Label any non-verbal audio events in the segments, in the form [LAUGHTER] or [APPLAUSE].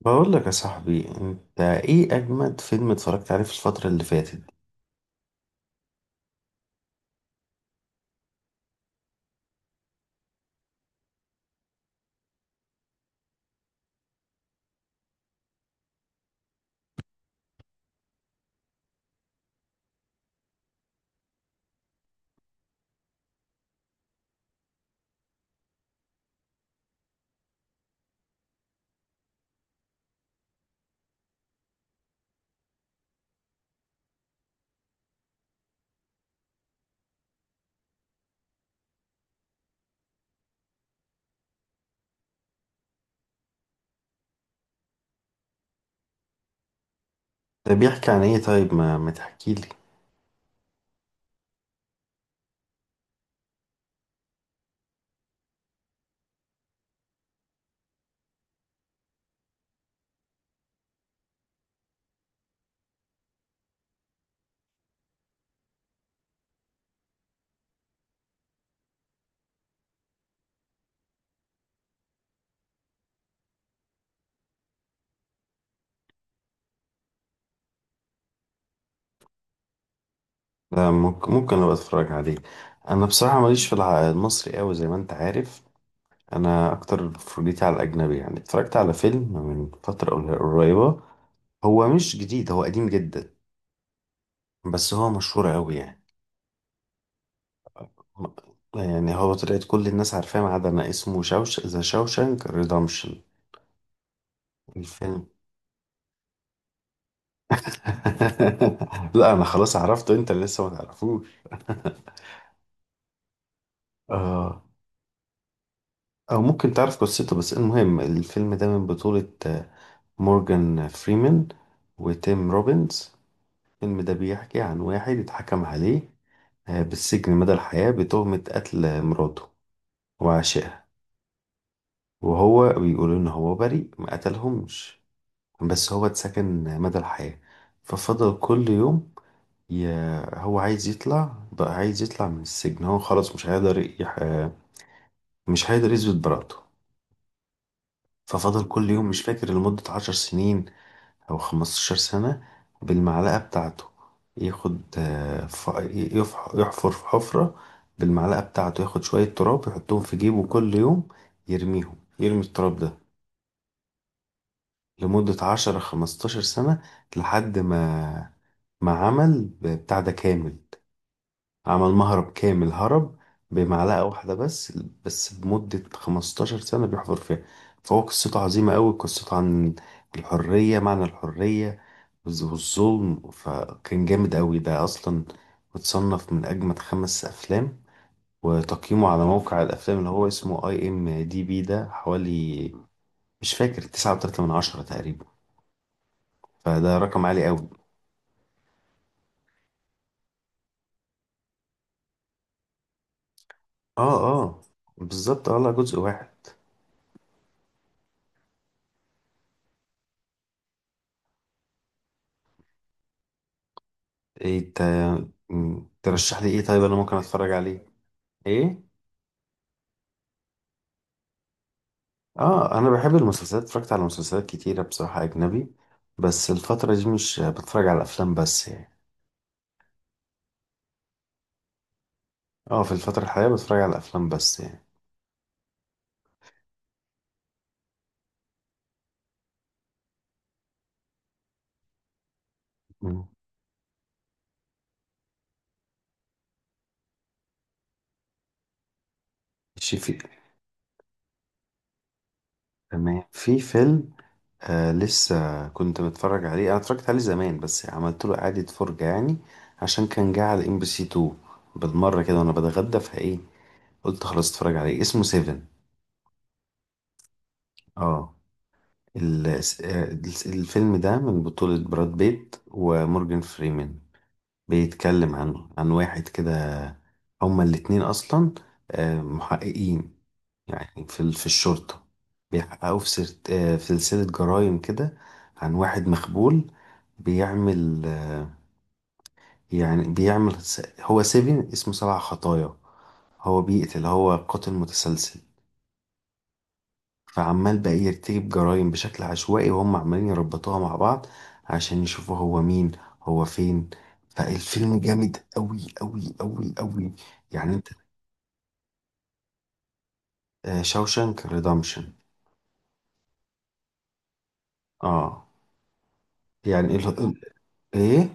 بقول لك يا صاحبي، انت ايه اجمد فيلم اتفرجت عليه في الفترة اللي فاتت؟ ده بيحكي عن ايه؟ طيب ما تحكي لي. لا، ممكن ابقى اتفرج عليه. انا بصراحة ماليش في المصري قوي زي ما انت عارف. انا اكتر فرجيتي على الاجنبي يعني، اتفرجت على فيلم من فترة قريبة. هو مش جديد، هو قديم جدا، بس هو مشهور قوي يعني. يعني هو طلعت كل الناس عارفاه ما عدا انا، اسمه ذا شوشانك ريدمشن. الفيلم. [LAUGHS] لا انا خلاص عرفته، انت اللي لسه ما تعرفوش. [LAUGHS] آه. او ممكن تعرف قصته، بس المهم الفيلم ده من بطولة مورجان فريمان وتيم روبنز. الفيلم ده بيحكي عن واحد اتحكم عليه بالسجن مدى الحياة بتهمة قتل مراته وعشقها. وهو بيقول ان هو بريء، ما قتلهمش، بس هو اتسجن مدى الحياة. ففضل كل يوم، يا هو عايز يطلع بقى، عايز يطلع من السجن، هو خلاص مش هيقدر مش هيقدر يثبت براءته. ففضل كل يوم، مش فاكر، لمدة 10 سنين أو 15 سنة، بالمعلقة بتاعته ياخد، يحفر في حفرة بالمعلقة بتاعته، ياخد شوية تراب يحطهم في جيبه كل يوم، يرميهم، يرمي التراب ده، لمدة 10 خمستاشر سنة، لحد ما عمل بتاع ده كامل، عمل مهرب كامل، هرب بمعلقة واحدة بس، بس بمدة 15 سنة بيحفر فيها. فهو قصته عظيمة أوي، قصته عن الحرية، معنى الحرية والظلم. فكان جامد أوي ده، أصلا متصنف من أجمد 5 أفلام. وتقييمه على موقع الأفلام اللي هو اسمه اي ام دي بي، ده حوالي، مش فاكر، 9.3 من 10 تقريبا، فده رقم عالي أوي. اه اه، بالظبط اه، لا جزء واحد. ايه ترشح لي ايه طيب، انا ممكن اتفرج عليه؟ ايه؟ اه انا بحب المسلسلات، اتفرجت على مسلسلات كتيرة بصراحة اجنبي، بس الفترة دي مش بتفرج على افلام بس يعني. اه في الفترة الحالية بتفرج على افلام بس يعني. مم. شي في تمام، في فيلم لسه كنت متفرج عليه، انا اتفرجت عليه زمان بس عملت له اعادة فرجة يعني، عشان كان جه على ام بي سي 2 بالمرة كده وانا بتغدى فايه، قلت خلاص اتفرج عليه. اسمه سيفن. اه. الفيلم ده من بطولة براد بيت ومورجان فريمان. بيتكلم عنه، عن واحد كده، هما الاتنين أصلا محققين يعني في في الشرطة، بيحققوا في في سلسلة جرائم كده عن واحد مخبول، بيعمل يعني بيعمل هو سيفين اسمه 7 خطايا، هو بيقتل، هو قاتل متسلسل. فعمال بقى يرتكب جرائم بشكل عشوائي، وهم عمالين يربطوها مع بعض عشان يشوفوا هو مين، هو فين. فالفيلم جامد قوي قوي قوي قوي. يعني انت شاوشانك ريدمشن. اه Shawshank Redemption. آه. يعني ايه.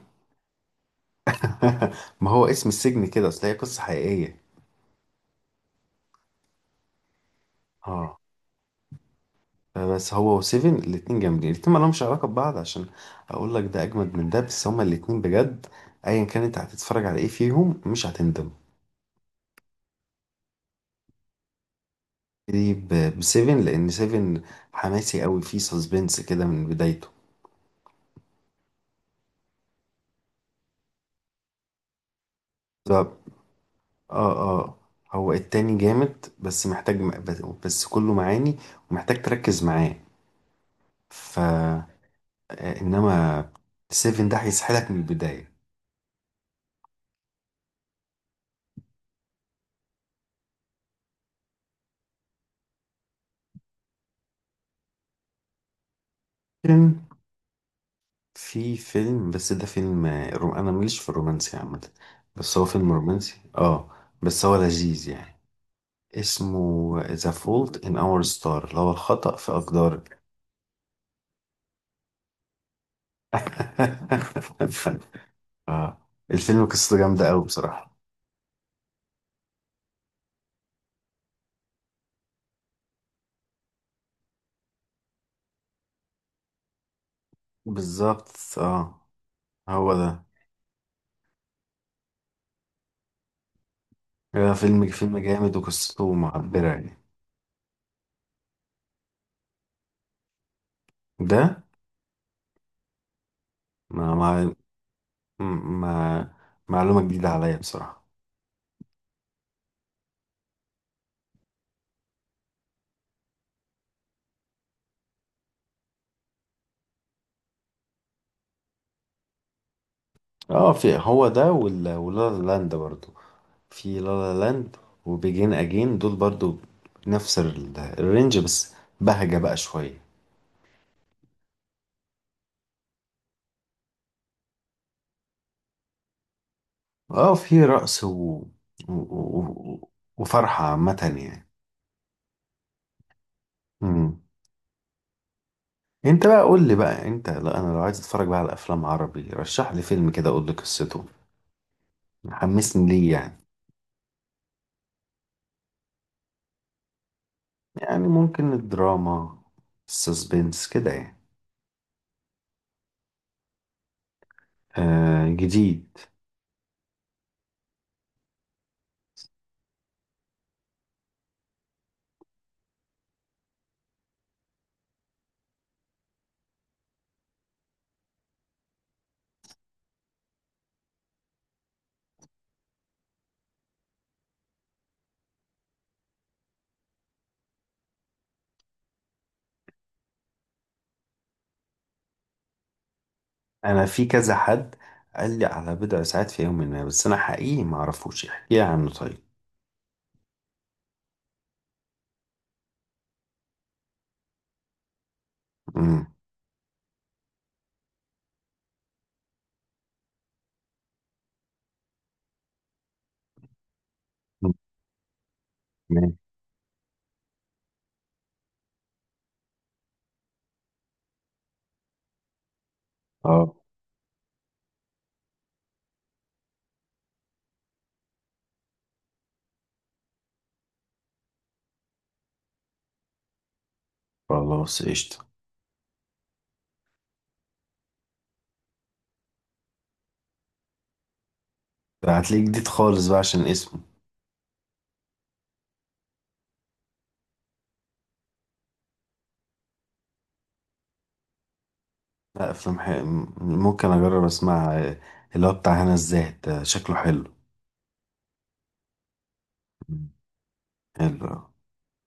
[LAUGHS] ما هو اسم السجن كده، اصل هي قصة حقيقية. اه بس هو وسيفن الاتنين جامدين، الاتنين مالهمش علاقة ببعض عشان اقول لك ده اجمد من ده، بس هما الاتنين بجد، ايا كان انت هتتفرج على ايه فيهم مش هتندم. دي ب 7، لان 7 حماسي قوي، فيه سسبنس كده من بدايته. ده اه. اه هو التاني جامد، بس محتاج بس كله معاني ومحتاج تركز معاه. ف آه، انما 7 ده هيسحلك من البداية. لكن في فيلم، بس ده فيلم انا ماليش في الرومانسي عامة، بس هو فيلم رومانسي اه، بس هو لذيذ يعني. اسمه The Fault in Our Star، اللي هو الخطأ في أقدارك. [LAUGHS] آه. الفيلم قصته جامدة أوي بصراحة. بالظبط اه، هو ده، هو فيلم جامد وقصته معبرة يعني. ده ما ما ما معلومة جديدة عليا بصراحة. اه في هو ده، ولا لاند برضو، في لا لا لاند وبيجين اجين دول برضو، نفس الرينج، بس بهجة بقى شوية. اه في رقص و... و... وفرحة عامة يعني. مم. انت بقى قول لي بقى، انت لا انا، لو عايز اتفرج بقى على افلام عربي، رشح لي فيلم كده، اقول لي قصته، حمسني ليه يعني. يعني ممكن الدراما، السسبنس كده يعني. آه جديد. انا في كذا حد قال لي على بضع ساعات في يوم ما، بس انا حقيقي ما اعرفوش، احكي لي عنه طيب. امم. تمام. اه خلاص قشطة. ده هتلاقيه جديد خالص بقى عشان اسمه. لا افلام ممكن اجرب اسمعها. اللي هو بتاع هنا الزاهد ده شكله حلو. مم. حلو.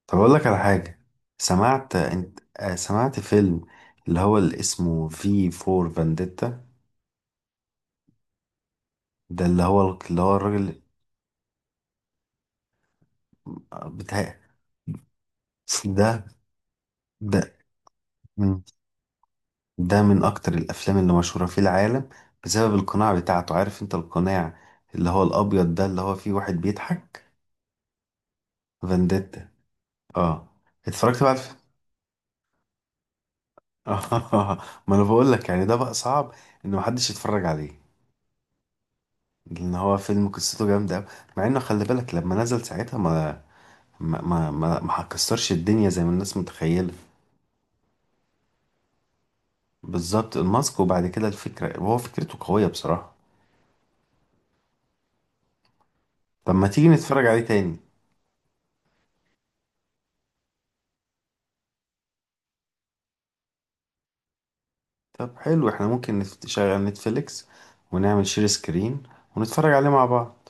طب أقول لك على حاجة. سمعت أنت، سمعت فيلم اللي اسمه في فور فانديتا؟ ده اللي هو الراجل بتاع، ده، ده من ده من أكتر الأفلام اللي مشهورة في العالم بسبب القناع بتاعته. عارف أنت القناع اللي هو الأبيض ده اللي هو فيه واحد بيضحك؟ فانديتا. اه. اتفرجت بقى على الفيلم. [LAUGHS] آه. ما أنا بقول لك يعني، ده بقى صعب إن محدش يتفرج عليه، لأن هو فيلم قصته جامدة أوي. مع إنه خلي بالك لما نزل ساعتها ما هكسرش الدنيا زي ما الناس متخيلة. بالظبط، الماسك. وبعد كده الفكرة، هو فكرته قوية بصراحة. طب ما تيجي نتفرج عليه تاني؟ طب حلو احنا ممكن نشغل نتفليكس، ونعمل شير سكرين، ونتفرج عليه مع بعض.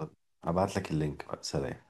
يلا، هبعتلك اللينك بقى. سلام.